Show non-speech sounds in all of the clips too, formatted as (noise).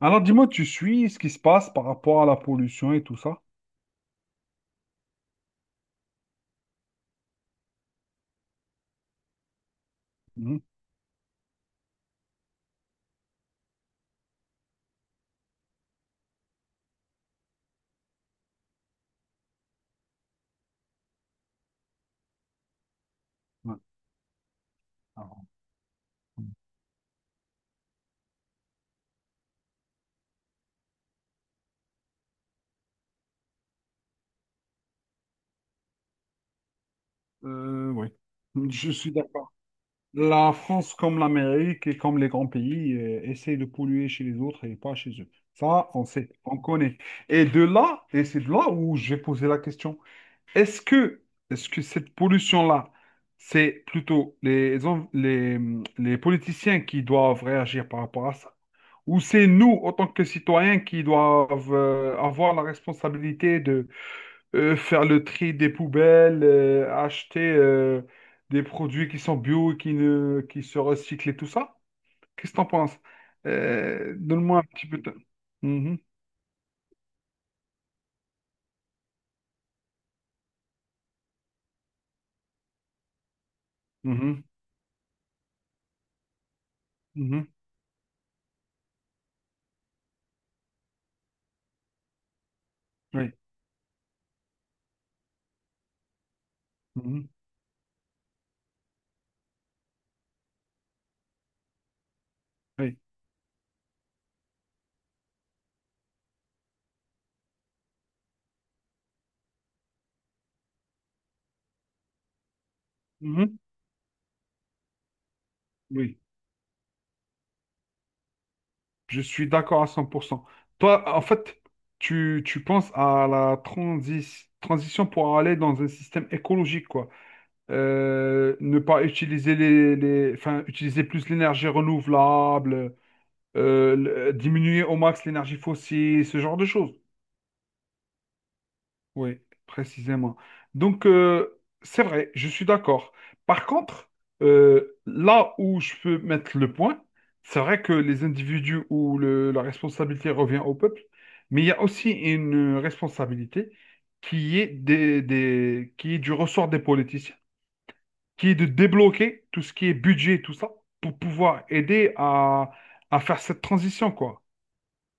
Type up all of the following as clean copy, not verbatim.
Alors, dis-moi, tu suis ce qui se passe par rapport à la pollution et tout ça? Mhm. Ouais. Alors, oui, je suis d'accord. La France, comme l'Amérique et comme les grands pays, essaie de polluer chez les autres et pas chez eux. Ça, on sait, on connaît. Et de là, et c'est de là où j'ai posé la question, est-ce que, est-ce que cette pollution-là, c'est plutôt les politiciens qui doivent réagir par rapport à ça? Ou c'est nous, en tant que citoyens, qui doivent avoir la responsabilité de faire le tri des poubelles, acheter des produits qui sont bio et qui ne, qui se recyclent et tout ça? Qu'est-ce que t'en penses? Donne-moi un petit peu de... Mhm, mhm, mhm, oui, mhm, oui, mhm, oui. Je suis d'accord à 100%. Toi, en fait, tu penses à la transition pour aller dans un système écologique, quoi. Ne pas utiliser enfin, utiliser plus l'énergie renouvelable, diminuer au max l'énergie fossile, ce genre de choses. Oui, précisément. Donc, c'est vrai, je suis d'accord. Par contre, là où je peux mettre le point, c'est vrai que les individus où la responsabilité revient au peuple, mais il y a aussi une responsabilité qui est qui est du ressort des politiciens qui est de débloquer tout ce qui est budget, tout ça, pour pouvoir aider à faire cette transition, quoi.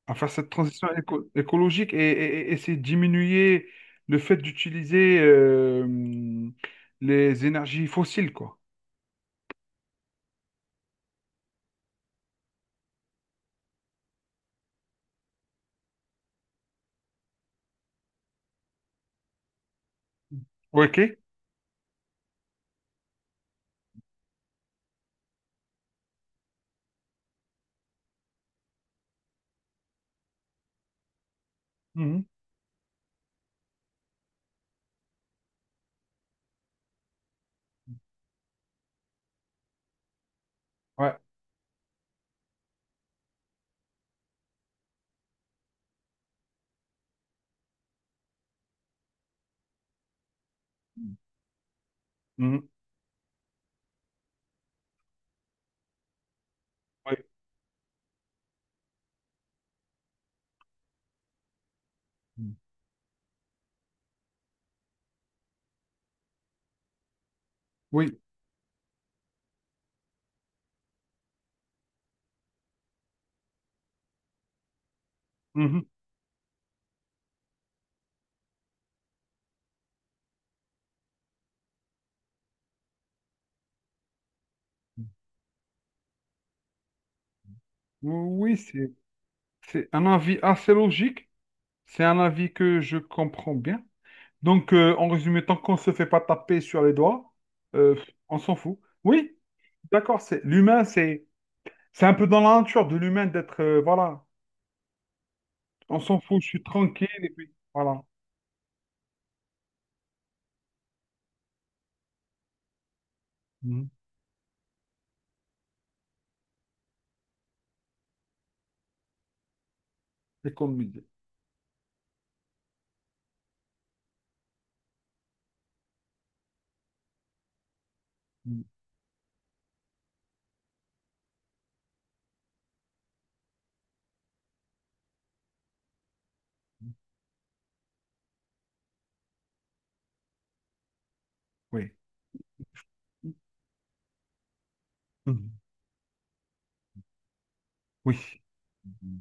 À faire cette transition écologique et essayer de diminuer le fait d'utiliser les énergies fossiles, quoi. OK? Mhm. Ouais. Mhm. Ouais. Oui. Mhm. Oui. C'est un avis assez logique, c'est un avis que je comprends bien. Donc, en résumé, tant qu'on ne se fait pas taper sur les doigts, euh, on s'en fout. Oui, d'accord, c'est l'humain, c'est un peu dans la nature de l'humain d'être, voilà, on s'en fout, je suis tranquille, et puis, voilà. Mhm. C'est comme le musée. Mhm. Oui. Mhm. Oui. Mhm.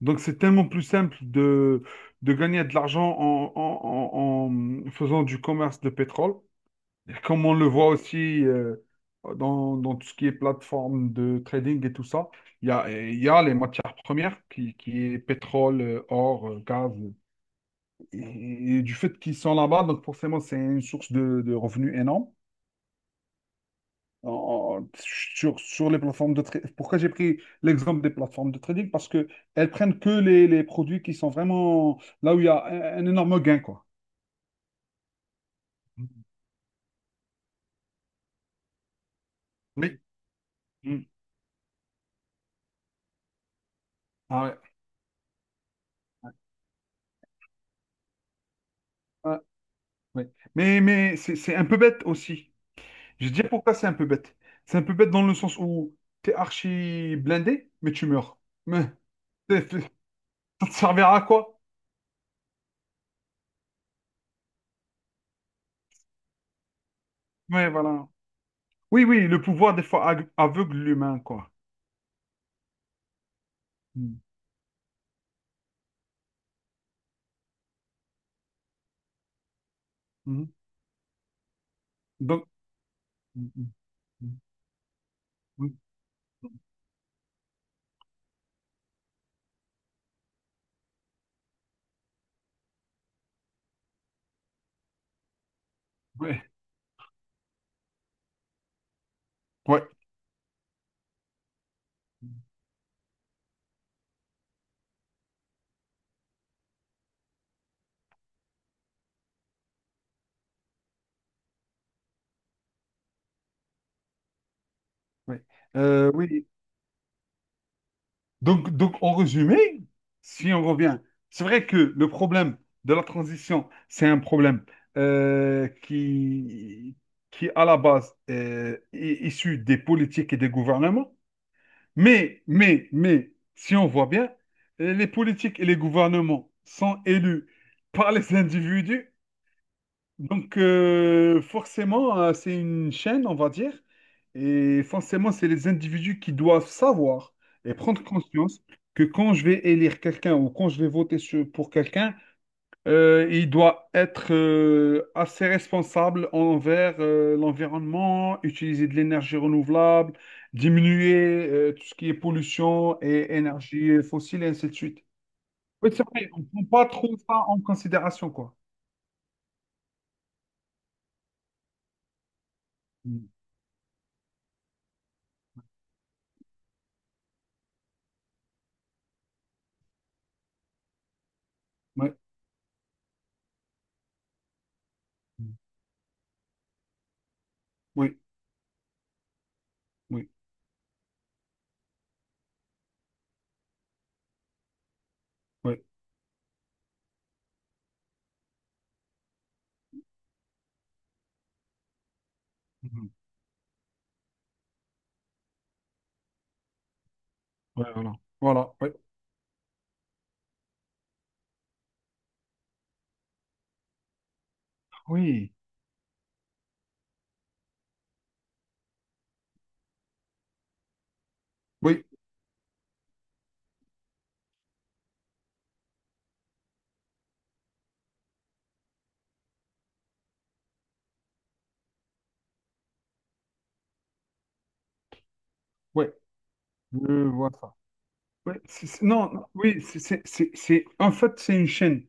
Donc, c'est tellement plus simple de gagner de l'argent en faisant du commerce de pétrole. Comme on le voit aussi dans tout ce qui est plateforme de trading et tout ça, il y a les matières premières qui est pétrole, or, gaz. Et du fait qu'ils sont là-bas, donc forcément, c'est une source de revenus énorme. Sur, sur les plateformes de trading. Pourquoi j'ai pris l'exemple des plateformes de trading? Parce que elles prennent que les produits qui sont vraiment là où il y a un énorme gain, quoi. Oui. Mm. Ah ouais. Ah, oui. Mais c'est un peu bête aussi. Je te dis pourquoi c'est un peu bête. C'est un peu bête dans le sens où t'es archi blindé, mais tu meurs. Mais (laughs) t'es- t'es- ça te servira à quoi? Ouais, voilà. Oui, oui, le pouvoir des fois aveugle l'humain, quoi. Mm. Mhm. Donc, mm, mm, mm, mm, ouais, ouais, ouais. Oui. Donc, en résumé, si on revient, c'est vrai que le problème de la transition, c'est un problème euh, qui, qui, à la base, est issu des politiques et des gouvernements. Mais, si on voit bien, les politiques et les gouvernements sont élus par les (laughs) individus. Donc, forcément, c'est une chaîne, on va dire. Et forcément, c'est les individus qui doivent savoir et prendre conscience que quand je vais élire quelqu'un ou quand je vais voter pour quelqu'un, il doit être assez responsable envers l'environnement, utiliser de l'énergie renouvelable, diminuer tout ce qui est pollution et énergie fossile, et ainsi de suite. Oui, c'est vrai, on ne prend pas trop ça en considération, quoi. Mm. Ouais. Mm. Oui, oui, oui. Mhm. Ouais, voilà. Voilà, ouais. Oui, oui, oui, je vois ça. Ouais, non, non, oui, c'est- en fait, c'est une chaîne.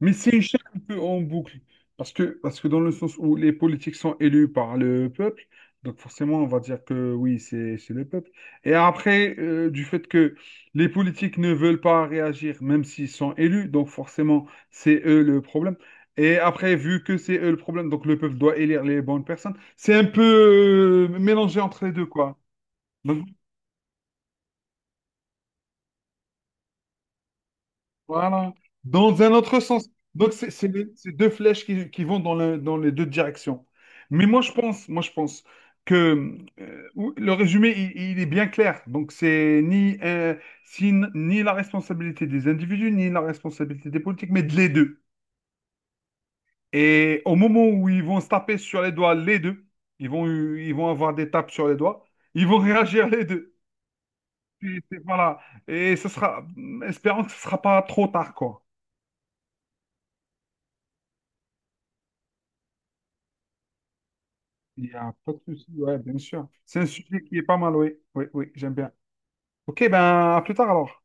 Mais c'est une chaîne un peu en boucle. Parce que dans le sens où les politiques sont élus par le peuple, donc forcément on va dire que oui, c'est le peuple. Et après, du fait que les politiques ne veulent pas réagir, même s'ils sont élus, donc forcément c'est eux le problème. Et après, vu que c'est eux le problème, donc le peuple doit élire les bonnes personnes, c'est un peu mélangé entre les deux, quoi. Donc voilà. Dans un autre sens. Donc, c'est deux flèches qui vont dans, dans les deux directions. Moi, je pense que le résumé, il est bien clair. Donc, c'est ni, ni la responsabilité des individus, ni la responsabilité des politiques, mais de les deux. Et au moment où ils vont se taper sur les doigts, les deux, ils vont avoir des tapes sur les doigts, ils vont (laughs) réagir les deux. Et voilà. Et ce sera, espérons que ce ne sera pas trop tard, quoi. Il n'y a pas de souci, ouais, bien sûr. C'est un sujet qui est pas mal, oui. Oui, oui, j'aime bien. Ok, ben à plus tard alors.